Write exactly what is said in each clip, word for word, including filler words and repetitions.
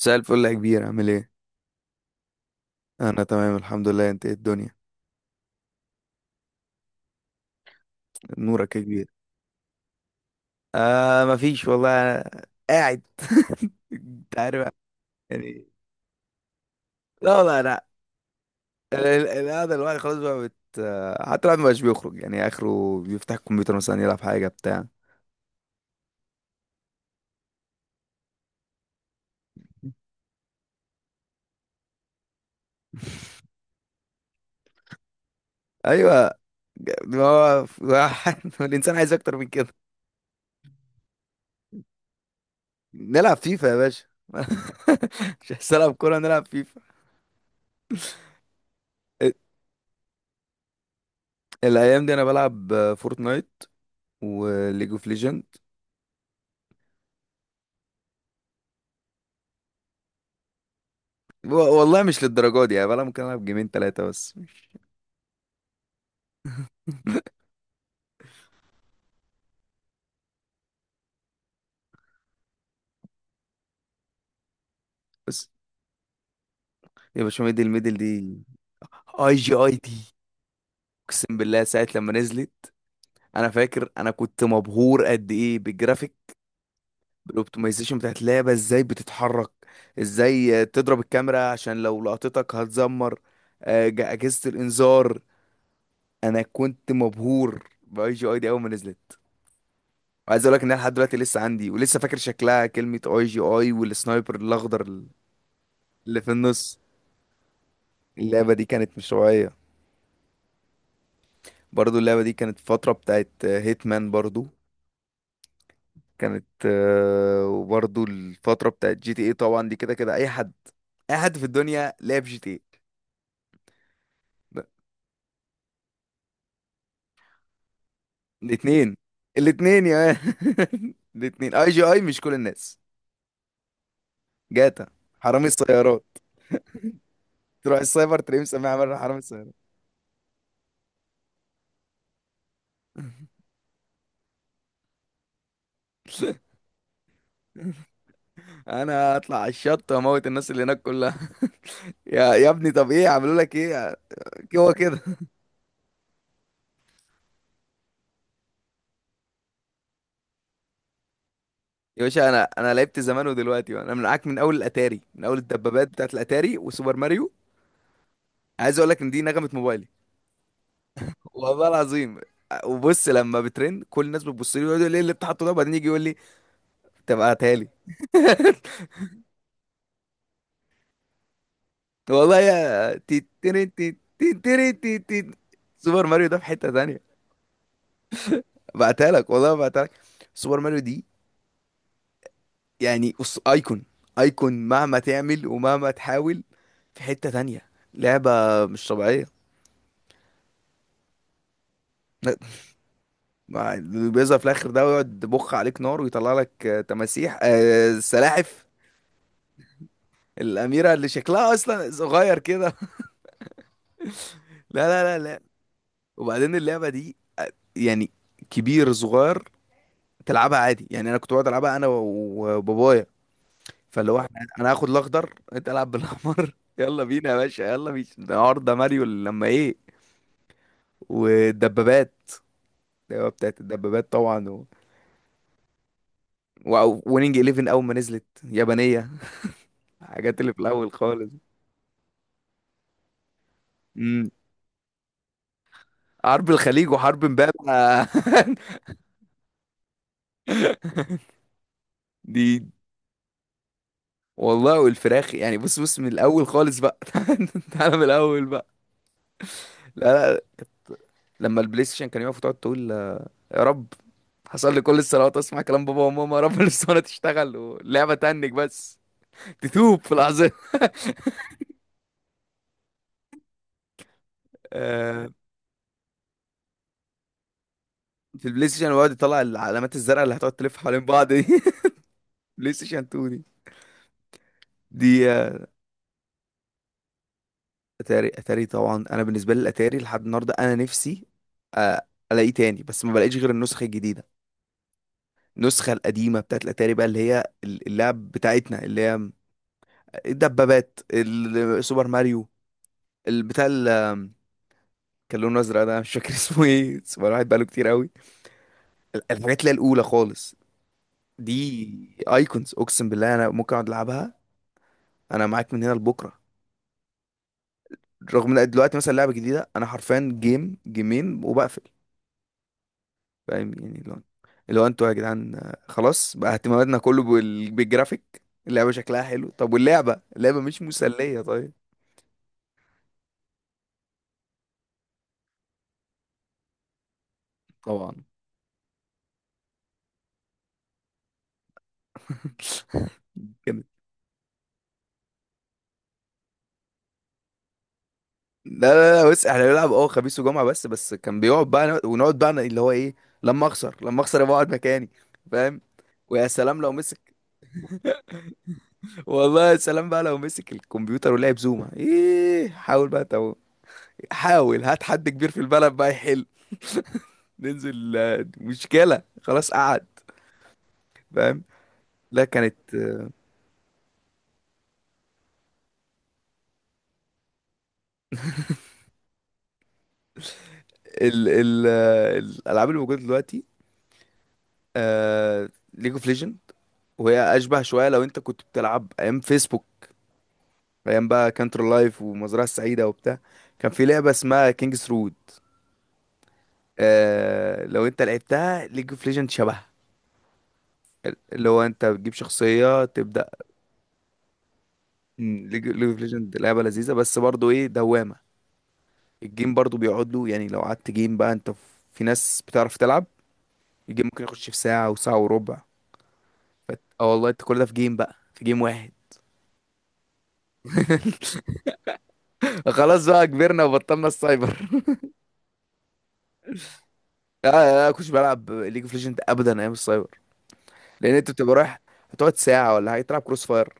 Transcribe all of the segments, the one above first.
مساء الفل يا كبير، عامل ايه؟ انا تمام الحمد لله. انت ايه الدنيا؟ نورك يا كبير. آه مفيش والله، أنا قاعد. انت عارف يعني. لا والله لا، ال- ال- القعدة الواحد خلاص بقى بت آه، حتى الواحد مبقاش بيخرج، يعني اخره بيفتح الكمبيوتر مثلا يلعب حاجة بتاع. ايوه، ما هو الواحد- الانسان عايز اكتر من كده. نلعب فيفا يا باشا. مش عايز العب كورة، نلعب فيفا. الايام دي انا بلعب فورتنايت وليج اوف ليجند. و- والله مش للدرجه دي يعني، بلا ممكن العب جيمين ثلاثه بس مش. بس يا باشا، ميدل ميدل دي، اي جي اي دي، اقسم بالله ساعه لما نزلت انا فاكر انا كنت مبهور قد ايه بالجرافيك، بالاوبتمايزيشن بتاعت اللعبه، ازاي بتتحرك، ازاي تضرب الكاميرا عشان لو لقطتك هتزمر آه، جا- اجهزه الانذار. انا كنت مبهور باي جي اي دي اول ما نزلت، وعايز اقول لك ان انا لحد دلوقتي لسه عندي ولسه فاكر شكلها، كلمه اي جي اي والسنايبر الاخضر اللي في النص. اللعبة دي كانت مش طبيعية. برضو اللعبة دي كانت فترة بتاعت هيتمان برضو، كانت آه، وبرضو الفترة بتاعت جي تي ايه. طبعا دي كده كده اي حد، اي حد في الدنيا لعب جي تي ايه. الاتنين، الاتنين يا مان. الاتنين اي جي اي مش كل الناس. جاتا، حرامي السيارات، تروح السايبر تلاقيه مسميها عمال حرامي السيارات. انا هطلع على الشط واموت الناس اللي هناك كلها. يا يا ابني، طب ايه عملوا لك ايه؟ هو كده. يا باشا انا انا لعبت زمان ودلوقتي انا معاك من اول الاتاري، من اول الدبابات بتاعت الاتاري وسوبر ماريو. عايز اقول لك ان دي نغمه موبايلي، والله العظيم. وبص، لما بترن كل الناس بتبص لي ويقعدوا يقولوا لي ايه اللي انت حاطه ده، وبعدين يجي يقول لي طب هاتها لي. والله يا تي- تيري- تي- تي- تيري- تي- تي- سوبر ماريو ده في حته ثانيه. بعتها لك والله بعتها لك، سوبر ماريو دي يعني أس- ايكون، ايكون مهما تعمل ومهما تحاول في حته ثانيه، لعبه مش طبيعيه. ما- بيظهر في الاخر ده ويقعد بخ عليك نار ويطلع لك آه، تماسيح، آه، سلاحف، الاميره اللي شكلها اصلا صغير كده. لا لا لا لا، وبعدين اللعبه دي يعني كبير صغير تلعبها عادي. يعني انا كنت بقعد العبها انا و- وبابايا، فاللي هو احنا انا هاخد الاخضر انت العب بالاحمر. يلا بينا يا باشا، يلا بينا، ده النهارده ماريو لما ايه. والدبابات، اللعبة بتاعت الدبابات طبعا و... و... ونينج حداشر اول ما نزلت يابانيه. الحاجات اللي في الاول خالص، حرب الخليج وحرب امبابة. دي والله، والفراخ يعني. بص بص من الاول خالص بقى. تعالى من الاول بقى. لا لا، لما البلاي ستيشن كان يقف وتقعد تقول يا رب، حصل لي كل الصلوات اسمع كلام بابا وماما يا رب. الاسطوانه تشتغل واللعبه تنك بس، تتوب في لحظه. آه، في البلاي ستيشن ويقعد يطلع العلامات الزرقاء اللي هتقعد تلف حوالين بعض دي. بلاي ستيشن اتنين دي، دي آه، اتاري، اتاري طبعا. انا بالنسبه لي الاتاري لحد النهارده انا نفسي آه، الاقيه تاني بس ما بلاقيش غير النسخه الجديده. النسخة القديمة بتاعت الأتاري بقى، اللي هي اللعب بتاعتنا، اللي هي الدبابات، ال- سوبر ماريو، البتاع ال- كان لونه أزرق ده مش فاكر اسمه ايه، سوبر واحد بقاله كتير قوي، الحاجات اللي هي الأولى خالص. دي ايكونز، اقسم بالله انا ممكن اقعد العبها، انا معاك من هنا لبكره. رغم ان دلوقتي مثلا لعبه جديده انا حرفيا جيم جيمين وبقفل. فاهم يعني اللي هو، اللي هو انتوا يا جدعان، آه، خلاص بقى اهتماماتنا كله بال- بالجرافيك. اللعبه شكلها حلو، طب واللعبه، اللعبه مش مسليه طيب. طبعا. كان- لا لا لا بص، احنا بنلعب اه خميس وجمعة بس، بس كان بيقعد بقى ونقعد بقى اللي هو ايه، لما اخسر، لما اخسر يبقى اقعد مكاني. فاهم. ويا سلام لو مسك. والله يا سلام بقى لو مسك الكمبيوتر ولعب زوما ايه، حاول بقى تو... حاول هات حد كبير في البلد بقى يحل، ننزل آه، مشكلة خلاص قعد. فاهم. لا كانت آه، ال ال آه، الالعاب اللي موجودة دلوقتي ليج اوف ليجند، وهي اشبه شويه لو انت كنت بتلعب ايام فيسبوك، ايام بقى كانتر لايف ومزرعه السعيده وبتاع. كان في لعبه اسمها كينجز رود، آه لو انت لعبتها ليج اوف ليجند شبهها، اللي هو انت بتجيب شخصيه تبدا. مم، ليج ليج اوف ليجند لعبه لذيذه، بس برضو ايه دوامه. الجيم برضو بيقعد له يعني، لو قعدت جيم بقى انت ف- في ناس بتعرف تلعب، الجيم ممكن يخش في ساعه وساعه وربع. فت... اه والله انت كل ده في جيم بقى، في جيم واحد. خلاص بقى كبرنا وبطلنا السايبر. لا لا لا، كنتش بلعب ليج اوف ليجند ابدا ايام السايبر، لان انت بتبقى رايح هتقعد ساعه ولا حاجه تلعب كروس فاير،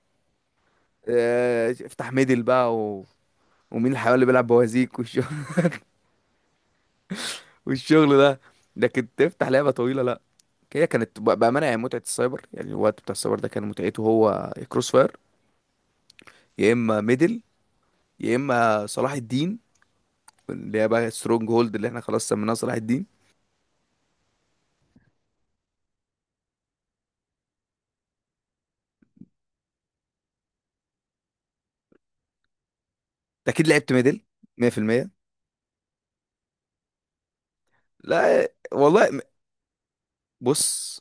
آه، افتح ميدل بقى و... ومين الحيوان اللي بيلعب بوازيك والشغل، والشغل ده. لكن تفتح لعبه طويله لا. هي كانت ب- بامانه يعني، متعه السايبر يعني، الوقت بتاع السايبر ده كان متعته هو كروس فاير، يا اما ميدل، يا اما صلاح الدين اللي هي بقى سترونج هولد اللي احنا خلاص سميناها صلاح الدين. أنت اكيد لعبت ميدل مية في المية. لا والله بص،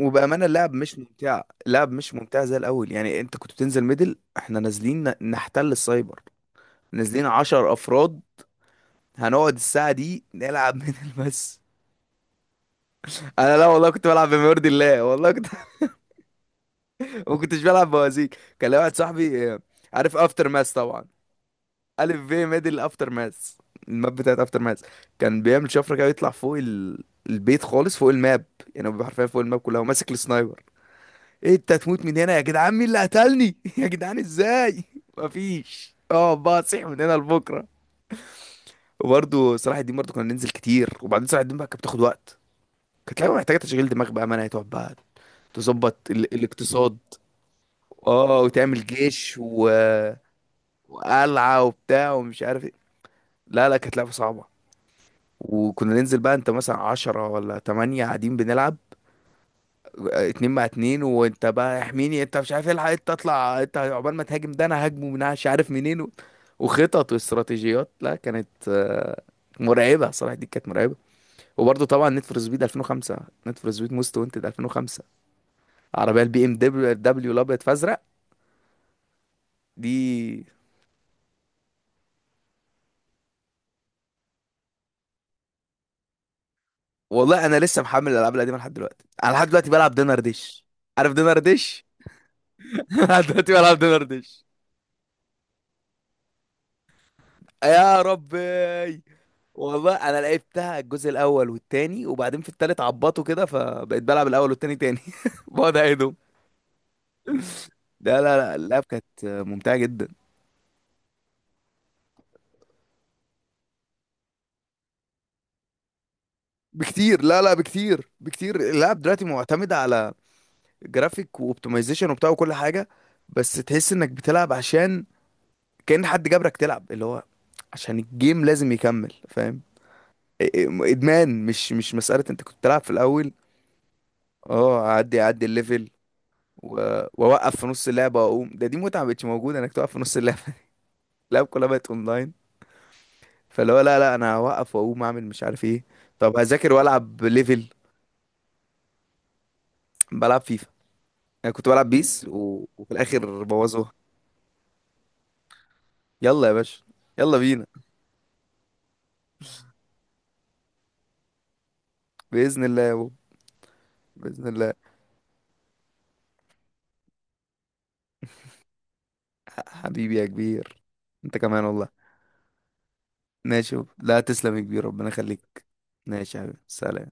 وبأمانة اللعب مش ممتع، اللعب مش ممتع زي الأول. يعني أنت كنت بتنزل ميدل إحنا نازلين ن- نحتل السايبر، نازلين عشر أفراد هنقعد الساعة دي نلعب ميدل بس. أنا لا والله كنت بلعب بما يرضي الله، والله كنت ما كنتش بلعب بوازيك. كان لي واحد صاحبي آه، عارف أفتر ماس طبعا، ألف في ميدل أفتر ماس، الماب بتاعت أفتر ماس، كان بيعمل شفرة كده يطلع فوق ال... البيت خالص فوق الماب. يعني هو بيبقى حرفيا فوق الماب كلها وماسك السنايبر. إيه، انت هتموت من هنا يا جدعان، مين اللي قتلني يا جدعان ازاي، مفيش اه بقى تصيح من هنا لبكره. وبرده صلاح الدين برضه كنا ننزل كتير، وبعدين صلاح الدين بقى كانت بتاخد وقت، كانت لعبه محتاجه تشغيل دماغ بقى، ما هتقعد بقى تظبط ال... الاقتصاد، اه وتعمل جيش و... وقلعه وبتاع ومش عارف ايه. لا لا كانت لعبه صعبه، وكنا ننزل بقى انت مثلا عشرة ولا تمانية قاعدين بنلعب اتنين مع اتنين، وانت بقى احميني، انت مش عارف الحق انت اطلع، انت عقبال ما تهاجم ده انا هاجمه من مش عارف منين و... وخطط واستراتيجيات، لا كانت آه، مرعبة صراحة دي، كانت مرعبة. وبرضه طبعا نيد فور سبيد الفين وخمسة، نيد فور سبيد موست وانتد الفين وخمسة، عربية البي ام دبليو دبليو الابيض فازرق دي. والله انا لسه محمل الالعاب القديمة لحد دلوقتي، انا لحد دلوقتي بلعب دينر ديش. عارف دينر ديش؟ لحد دلوقتي بلعب دينر ديش. يا ربي، والله انا لعبتها الجزء الاول والتاني، وبعدين في التالت عبطوا كده فبقيت بلعب الاول والتاني تاني. بقعد اعيدهم. لا لا لا اللعب كانت ممتعة جدا، بكتير. لا لا بكتير بكتير، اللعب دلوقتي معتمد على جرافيك واوبتمايزيشن وبتاع وكل حاجة، بس تحس انك بتلعب عشان كأن حد جبرك تلعب، اللي هو عشان الجيم لازم يكمل. فاهم، إ- إ- ادمان، مش مش مسألة انت كنت بتلعب في الاول اه، اعدي اعدي الليفل و- واوقف في نص اللعبه واقوم ده، دي متعه مبقتش موجوده انك توقف في نص اللعبه. اللعبه كلها بقت اونلاين، فاللي هو لا لا انا هوقف واقوم اعمل مش عارف ايه. طب هذاكر والعب ليفل. بلعب فيفا، انا كنت بلعب بيس و... وفي الاخر بوظوها. يلا يا باشا، يلا بينا. باذن الله يا بابا. باذن الله. ح- حبيبي يا كبير، انت كمان والله. ماشي يا بابا. لا تسلم يا كبير، ربنا يخليك. ماشي يا حبيبي، سلام.